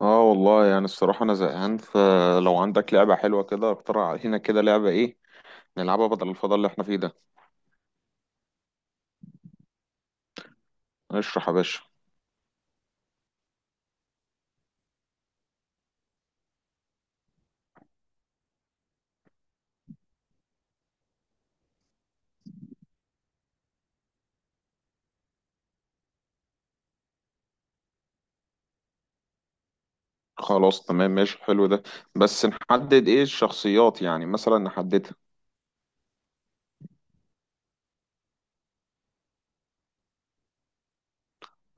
اه والله، يعني الصراحة أنا زهقان. فلو عندك لعبة حلوة كده اقترح علينا كده لعبة إيه نلعبها بدل الفضاء اللي إحنا فيه ده. اشرح يا باشا. خلاص تمام ماشي، حلو ده. بس نحدد إيه الشخصيات، يعني مثلا نحددها.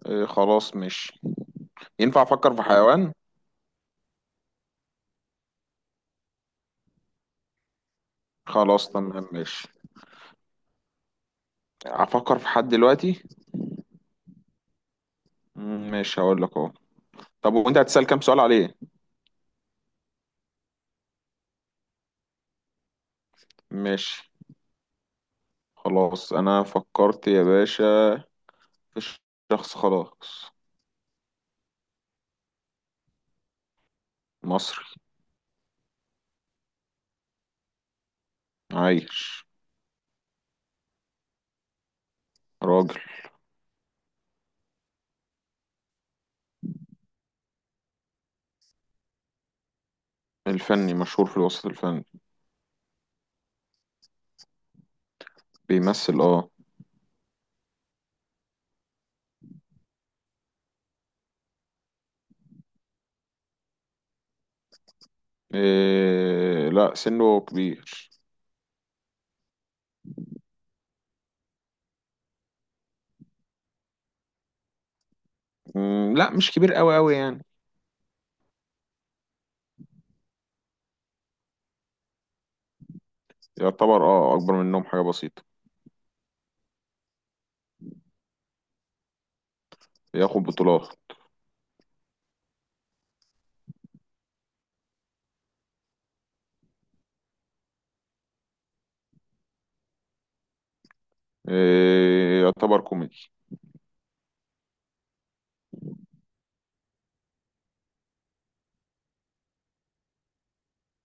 إيه خلاص ماشي. ينفع أفكر في حيوان؟ خلاص تمام ماشي. أفكر في حد دلوقتي. ماشي هقول لك أهو. طب وأنت هتسأل كام سؤال عليه؟ ماشي. خلاص أنا فكرت يا باشا، في شخص خلاص. مصري. عايش. راجل. الفني، مشهور في الوسط الفني. بيمثل اه. إيه لا، سنه كبير. لا مش كبير قوي قوي يعني. يعتبر اه، اكبر منهم حاجة بسيطة. ياخد بطولات. إيه، يعتبر كوميدي.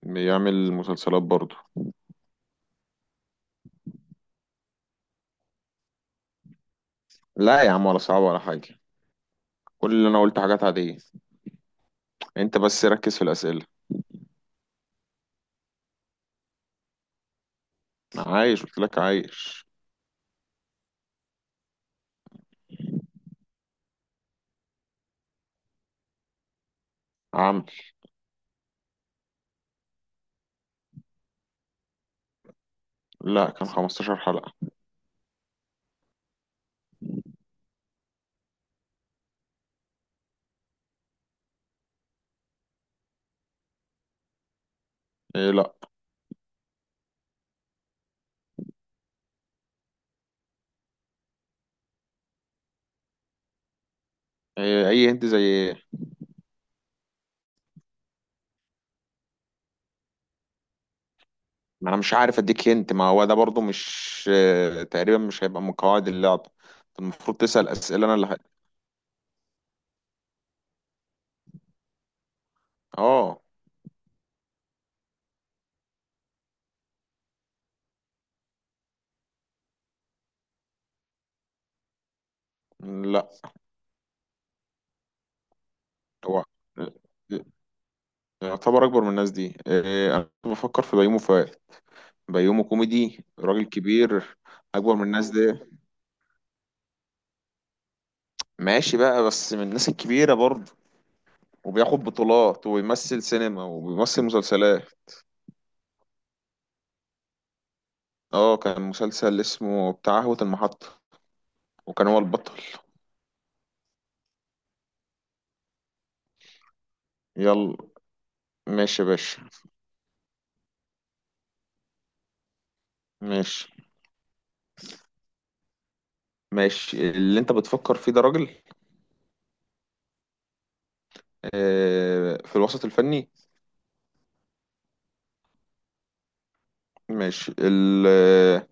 بيعمل مسلسلات برضه. لا يا عم، ولا صعب ولا حاجة. كل اللي انا قلت حاجات عادية. انت بس ركز في الأسئلة. عايش، قلت لك عايش. عمل. لا كان 15 حلقة. إيه لا. إيه، اي انت زي ايه؟ ما انا مش عارف اديك هنت، ما هو ده برضو مش تقريبا مش هيبقى من قواعد اللعبة. المفروض تسأل اسئلة انا اللي ه... اه لا، هو يعتبر اكبر من الناس دي. إيه، انا كنت بفكر في بيومي فؤاد. بيومي كوميدي، راجل كبير. اكبر من الناس دي. ماشي بقى، بس من الناس الكبيرة برضو. وبياخد بطولات وبيمثل سينما وبيمثل مسلسلات. اه كان مسلسل اسمه بتاع قهوة المحطة. وكان هو البطل. يلا. ماشي يا باشا. ماشي. ماشي، اللي انت بتفكر فيه ده راجل؟ آه، في الوسط الفني؟ ماشي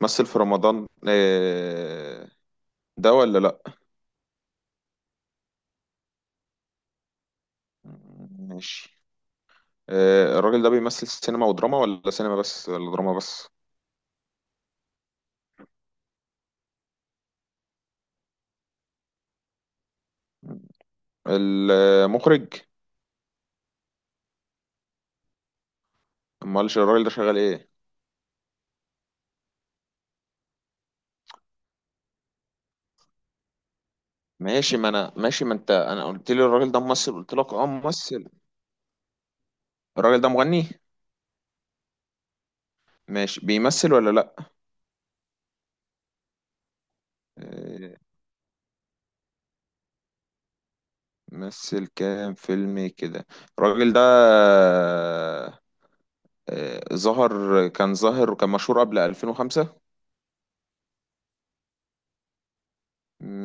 مثل في رمضان ده ولا لا؟ ماشي. الراجل ده بيمثل سينما ودراما، ولا سينما بس، ولا دراما بس؟ المخرج؟ امال الراجل ده شغال ايه؟ ماشي ما انا ماشي، ما انت انا قلت لي الراجل ده ممثل، قلت لك اه ممثل. الراجل ده مغني؟ ماشي، بيمثل ولا لا؟ آه، مثل كام فيلم كده. الراجل ده ظهر، كان ظاهر وكان مشهور قبل 2005.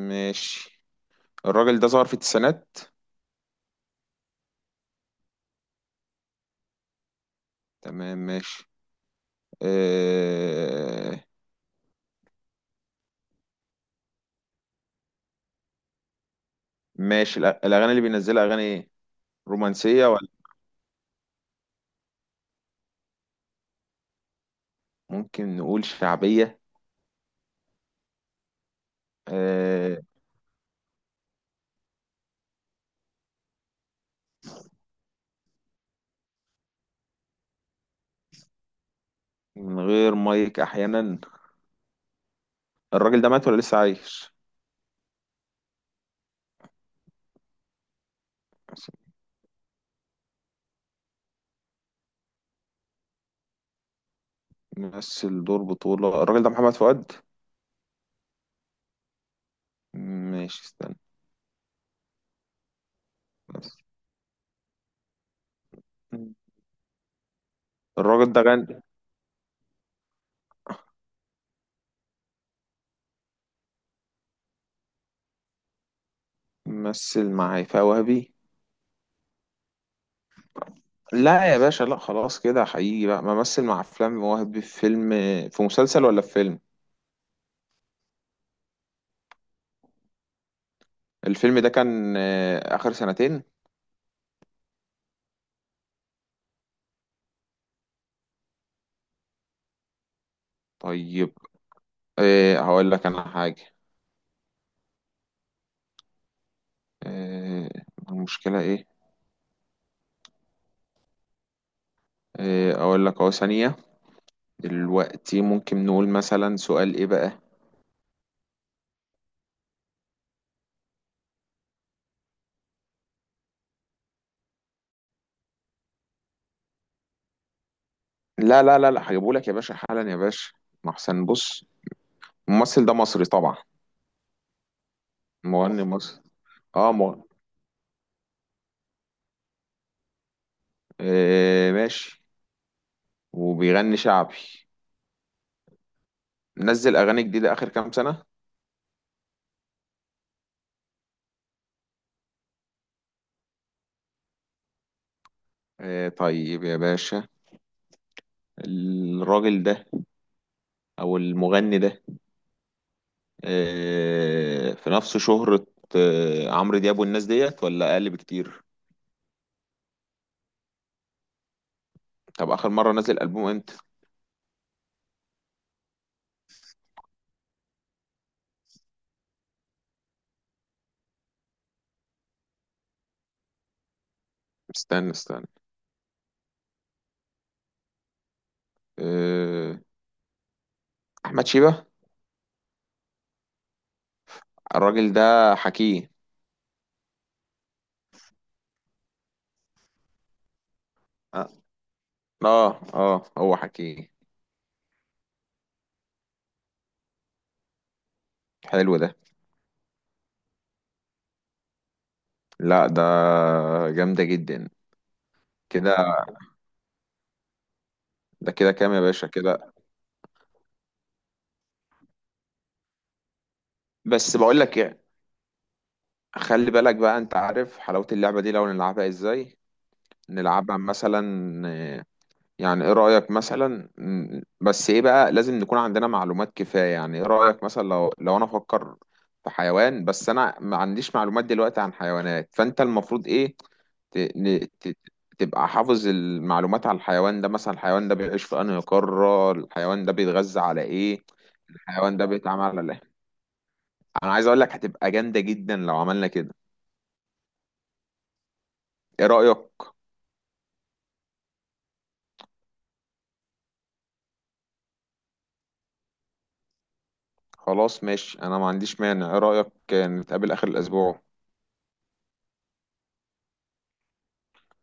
ماشي. الراجل ده ظهر في التسعينات؟ تمام ماشي. آه، ماشي الأغاني اللي بينزلها أغاني إيه؟ رومانسية ولا؟ ممكن نقول شعبية. آه، من غير مايك أحيانا. الراجل ده مات ولا لسه عايش؟ مثل دور بطولة. الراجل ده محمد فؤاد؟ ماشي استنى. بس. الراجل ده غني. مثل مع هيفاء وهبي. لا يا باشا لا، خلاص كده حقيقي بقى، بمثل مع افلام مواهب في فيلم. في مسلسل ولا في فيلم؟ الفيلم ده كان اخر سنتين؟ طيب. هقول لك انا حاجه. آه، المشكله ايه؟ اقول لك اهو ثانيه. دلوقتي ممكن نقول مثلا سؤال ايه بقى؟ لا لا لا لا، هجيبه لك يا باشا حالا يا باشا. ما احسن، بص. الممثل ده مصري طبعا؟ مغني مصري مصري. اه مغ... ماشي. وبيغني شعبي. نزل اغاني جديده اخر كام سنه؟ طيب يا باشا. الراجل ده، او المغني ده، في نفس شهرة عمرو دياب والناس ديت، ولا اقل بكتير؟ طب اخر مرة نزل البوم امتى؟ استنى استنى. آه. احمد شيبة. الراجل ده حكيه؟ اه اه. هو حكيه. حلو ده. لا ده. جامدة جدا. كده. ده كده كام يا باشا كده؟ بس بقول لك إيه، خلي بالك بقى، انت عارف حلاوة اللعبة دي لو نلعبها ازاي؟ نلعبها مثلا. آه، يعني ايه رأيك مثلا بس ايه بقى لازم نكون عندنا معلومات كفاية، يعني ايه رأيك مثلا لو انا افكر في حيوان، بس انا ما عنديش معلومات دلوقتي عن حيوانات، فانت المفروض ايه ت... ن... ت... تبقى حافظ المعلومات على الحيوان ده، مثلا الحيوان ده بيعيش في انهي قارة، الحيوان ده بيتغذى على ايه. الحيوان ده بيتعامل على ايه. انا عايز اقول لك هتبقى جامدة جدا لو عملنا كده. ايه رأيك؟ خلاص ماشي، انا ما عنديش مانع، ايه رأيك نتقابل اخر الاسبوع؟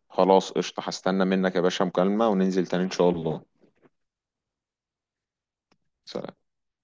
خلاص قشطة، هستنى منك يا باشا مكالمة، وننزل تاني إن شاء الله. سلام.